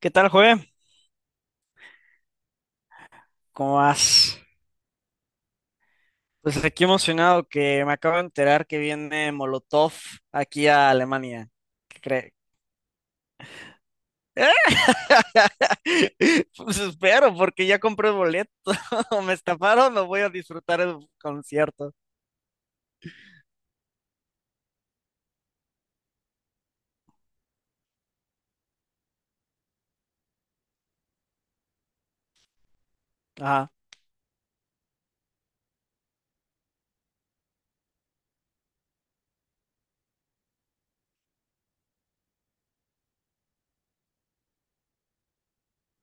¿Qué tal, Joe? ¿Cómo vas? Pues aquí emocionado que me acabo de enterar que viene Molotov aquí a Alemania. ¿Qué crees? Pues espero, porque ya compré el boleto. Me estafaron, no voy a disfrutar el concierto. Ajá,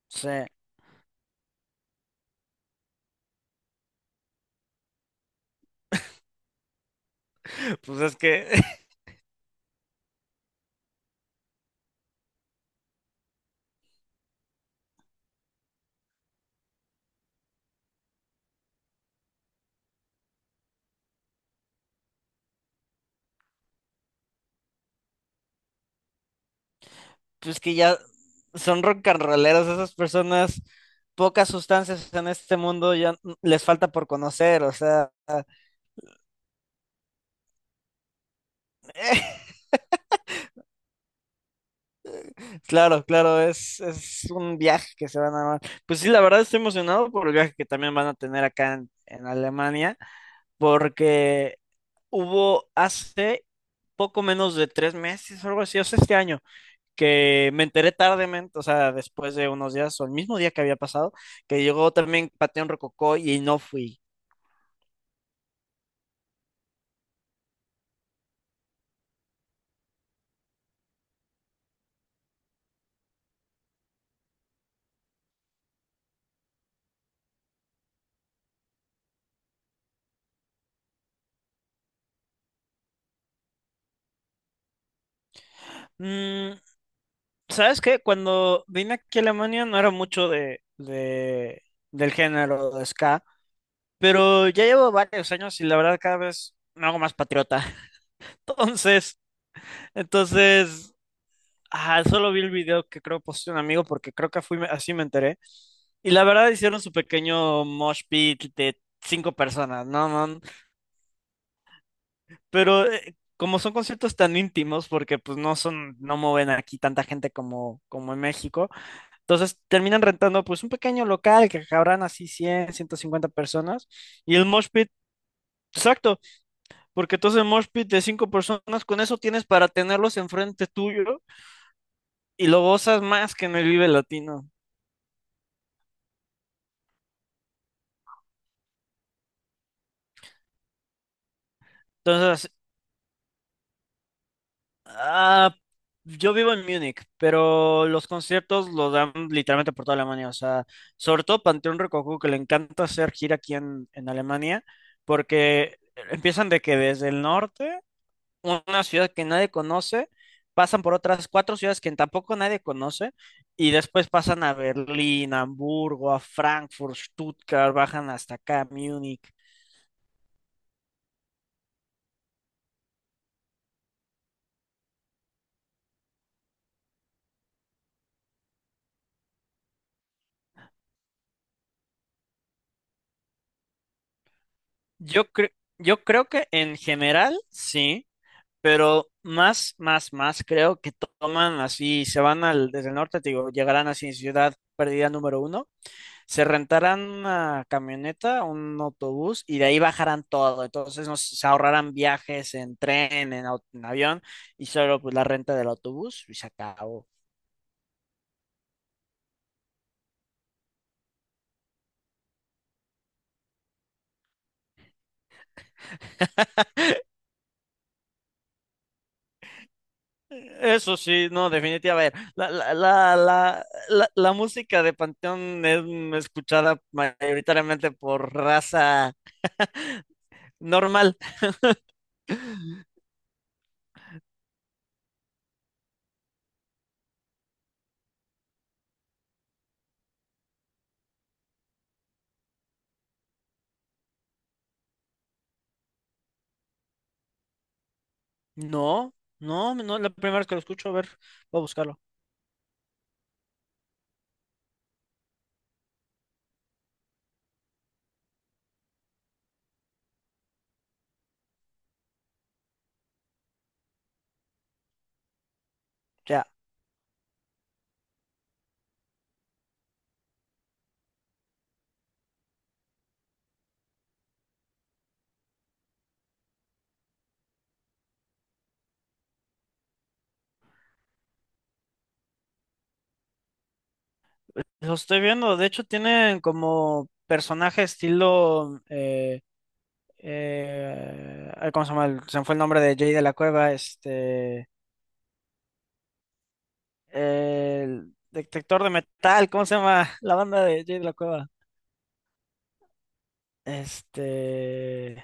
sí. Pues es que, pues que ya son rock and rolleros esas personas. Pocas sustancias en este mundo ya les falta por conocer, o sea, claro, claro, es un viaje que se van a dar. Pues sí, la verdad estoy emocionado por el viaje que también van a tener acá en Alemania, porque hubo hace poco menos de tres meses o algo así, o sea, este año, que me enteré tardemente, o sea, después de unos días o el mismo día que había pasado, que llegó también Panteón Rococó y no fui. Mm. ¿Sabes qué? Cuando vine aquí a Alemania no era mucho de, del género de ska, pero ya llevo varios años y la verdad cada vez me hago más patriota. Entonces, entonces, solo vi el video que creo posteó un amigo porque creo que fui, así me enteré. Y la verdad hicieron su pequeño mosh pit de cinco personas, ¿no? No, pero como son conciertos tan íntimos, porque pues no son, no mueven aquí tanta gente como, como en México. Entonces terminan rentando pues un pequeño local que cabrán así 100, 150 personas y el mosh pit, exacto, porque entonces el mosh pit de 5 personas con eso tienes para tenerlos enfrente tuyo y lo gozas más que en el Vive Latino. Entonces, ah, yo vivo en Múnich, pero los conciertos los dan literalmente por toda Alemania, o sea, sobre todo Panteón Rococó que le encanta hacer gira aquí en Alemania porque empiezan de que desde el norte una ciudad que nadie conoce, pasan por otras cuatro ciudades que tampoco nadie conoce, y después pasan a Berlín, a Hamburgo, a Frankfurt, Stuttgart, bajan hasta acá, Múnich. Yo cre- yo creo que en general sí, pero más, más, más creo que toman así, se van al, desde el norte, te digo, llegarán así en Ciudad Perdida número uno, se rentarán una camioneta, un autobús y de ahí bajarán todo. Entonces nos, se ahorrarán viajes en tren, en, en avión y solo pues la renta del autobús y se acabó. Eso sí, no, definitivamente. A ver, la música de Panteón es mm, escuchada mayoritariamente por raza normal. No, no, no es la primera vez que lo escucho. A ver, voy a buscarlo. Ya, lo estoy viendo. De hecho, tienen como personaje estilo... ay, ¿cómo se llama? Se me fue el nombre de Jay de la Cueva, este, el detector de metal, ¿cómo se llama? La banda de Jay de la Cueva. Este,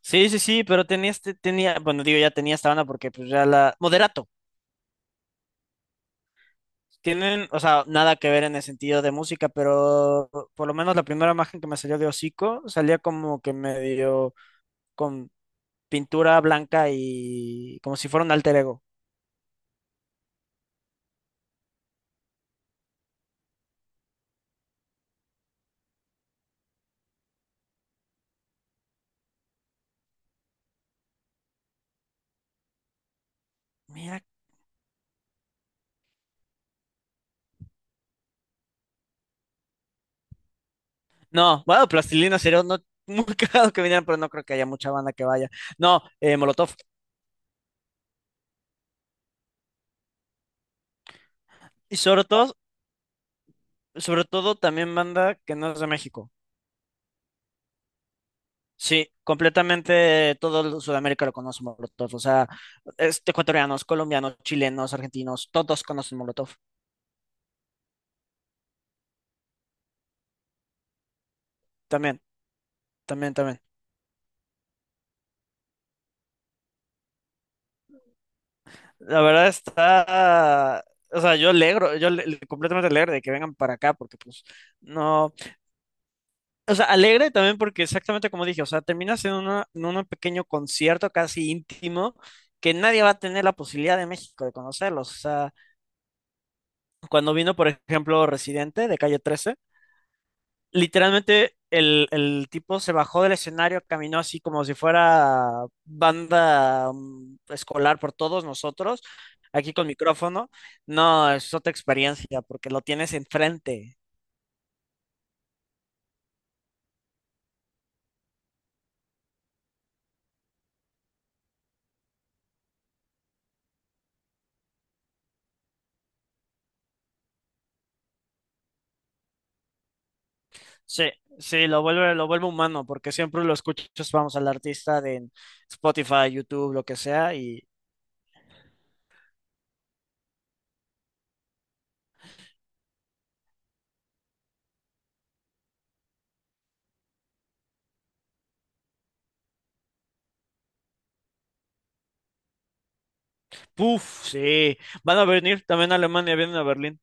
sí, sí, sí, pero tenía este, tenía, bueno, digo, ya tenía esta banda porque pues ya la, Moderato. Tienen, o sea, nada que ver en el sentido de música, pero por lo menos la primera imagen que me salió de hocico salía como que medio con pintura blanca y como si fuera un alter ego. Mira, no, bueno, Plastilina sería no, muy cagado que vinieran, pero no creo que haya mucha banda que vaya. No, Molotov. Y sobre todo también banda que no es de México. Sí, completamente todo Sudamérica lo conoce Molotov. O sea, este, ecuatorianos, colombianos, chilenos, argentinos, todos conocen Molotov. También, también, también. La verdad está, o sea, yo alegro, yo completamente alegre de que vengan para acá porque pues no. O sea, alegre también porque exactamente como dije, o sea, terminas en, en un pequeño concierto casi íntimo que nadie va a tener la posibilidad de México de conocerlos. O sea, cuando vino, por ejemplo, Residente de Calle 13, literalmente el tipo se bajó del escenario, caminó así como si fuera banda mm, escolar por todos nosotros, aquí con micrófono. No, es otra experiencia porque lo tienes enfrente. Sí, sí, lo vuelve humano, porque siempre lo escuchas, vamos, al artista de en Spotify, YouTube, lo que sea, y ¡puf! Sí, van a venir también a Alemania, vienen a Berlín.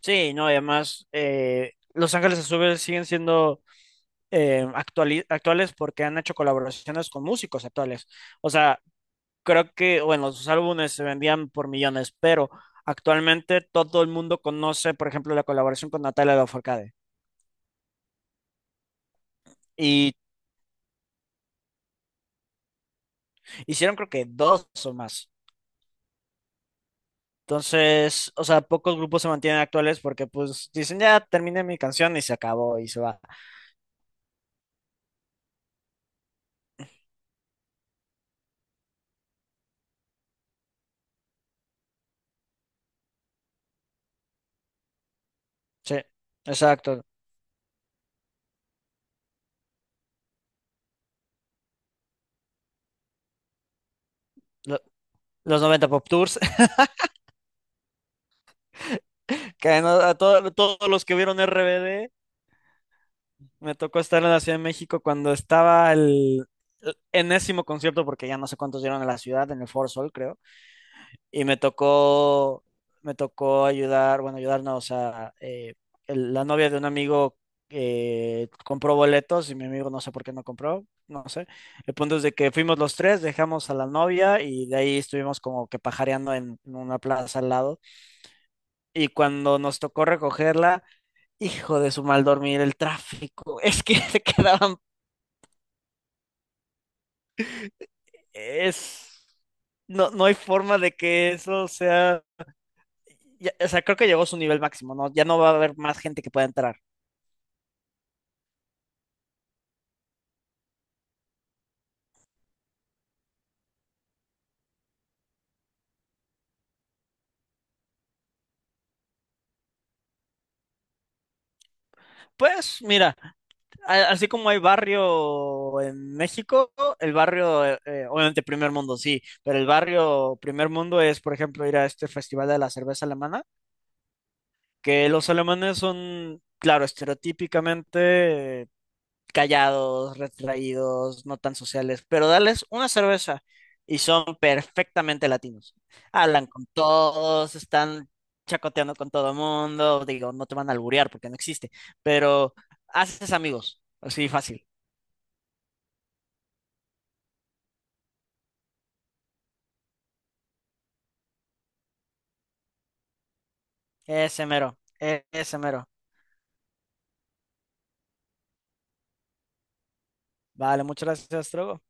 Sí, no, y además, Los Ángeles Azules siguen siendo actuales porque han hecho colaboraciones con músicos actuales. O sea, creo que, bueno, sus álbumes se vendían por millones, pero actualmente todo el mundo conoce, por ejemplo, la colaboración con Natalia Lafourcade. Y hicieron creo que dos o más. Entonces, o sea, pocos grupos se mantienen actuales porque pues dicen, ya terminé mi canción y se acabó y se va. Sí, exacto. Lo- los noventa Pop Tours, que todos los que vieron RBD, me tocó estar en la Ciudad de México cuando estaba el enésimo concierto, porque ya no sé cuántos dieron en la ciudad, en el Foro Sol, creo. Y me tocó ayudar, bueno, ayudarnos, o sea, la novia de un amigo compró boletos y mi amigo no sé por qué no compró, no sé. El punto es de que fuimos los tres, dejamos a la novia y de ahí estuvimos como que pajareando en una plaza al lado. Y cuando nos tocó recogerla, hijo de su mal dormir, el tráfico, es que se quedaban, es, no, no hay forma de que eso sea... o sea, creo que llegó a su nivel máximo, ¿no? Ya no va a haber más gente que pueda entrar. Pues mira, así como hay barrio en México, el barrio, obviamente primer mundo, sí, pero el barrio primer mundo es, por ejemplo, ir a este festival de la cerveza alemana, que los alemanes son, claro, estereotípicamente callados, retraídos, no tan sociales, pero dales una cerveza y son perfectamente latinos. Hablan con todos, están chacoteando con todo el mundo, digo, no te van a alburear porque no existe, pero haces amigos, así fácil. Ese mero, ese mero. Vale, muchas gracias, Trogo.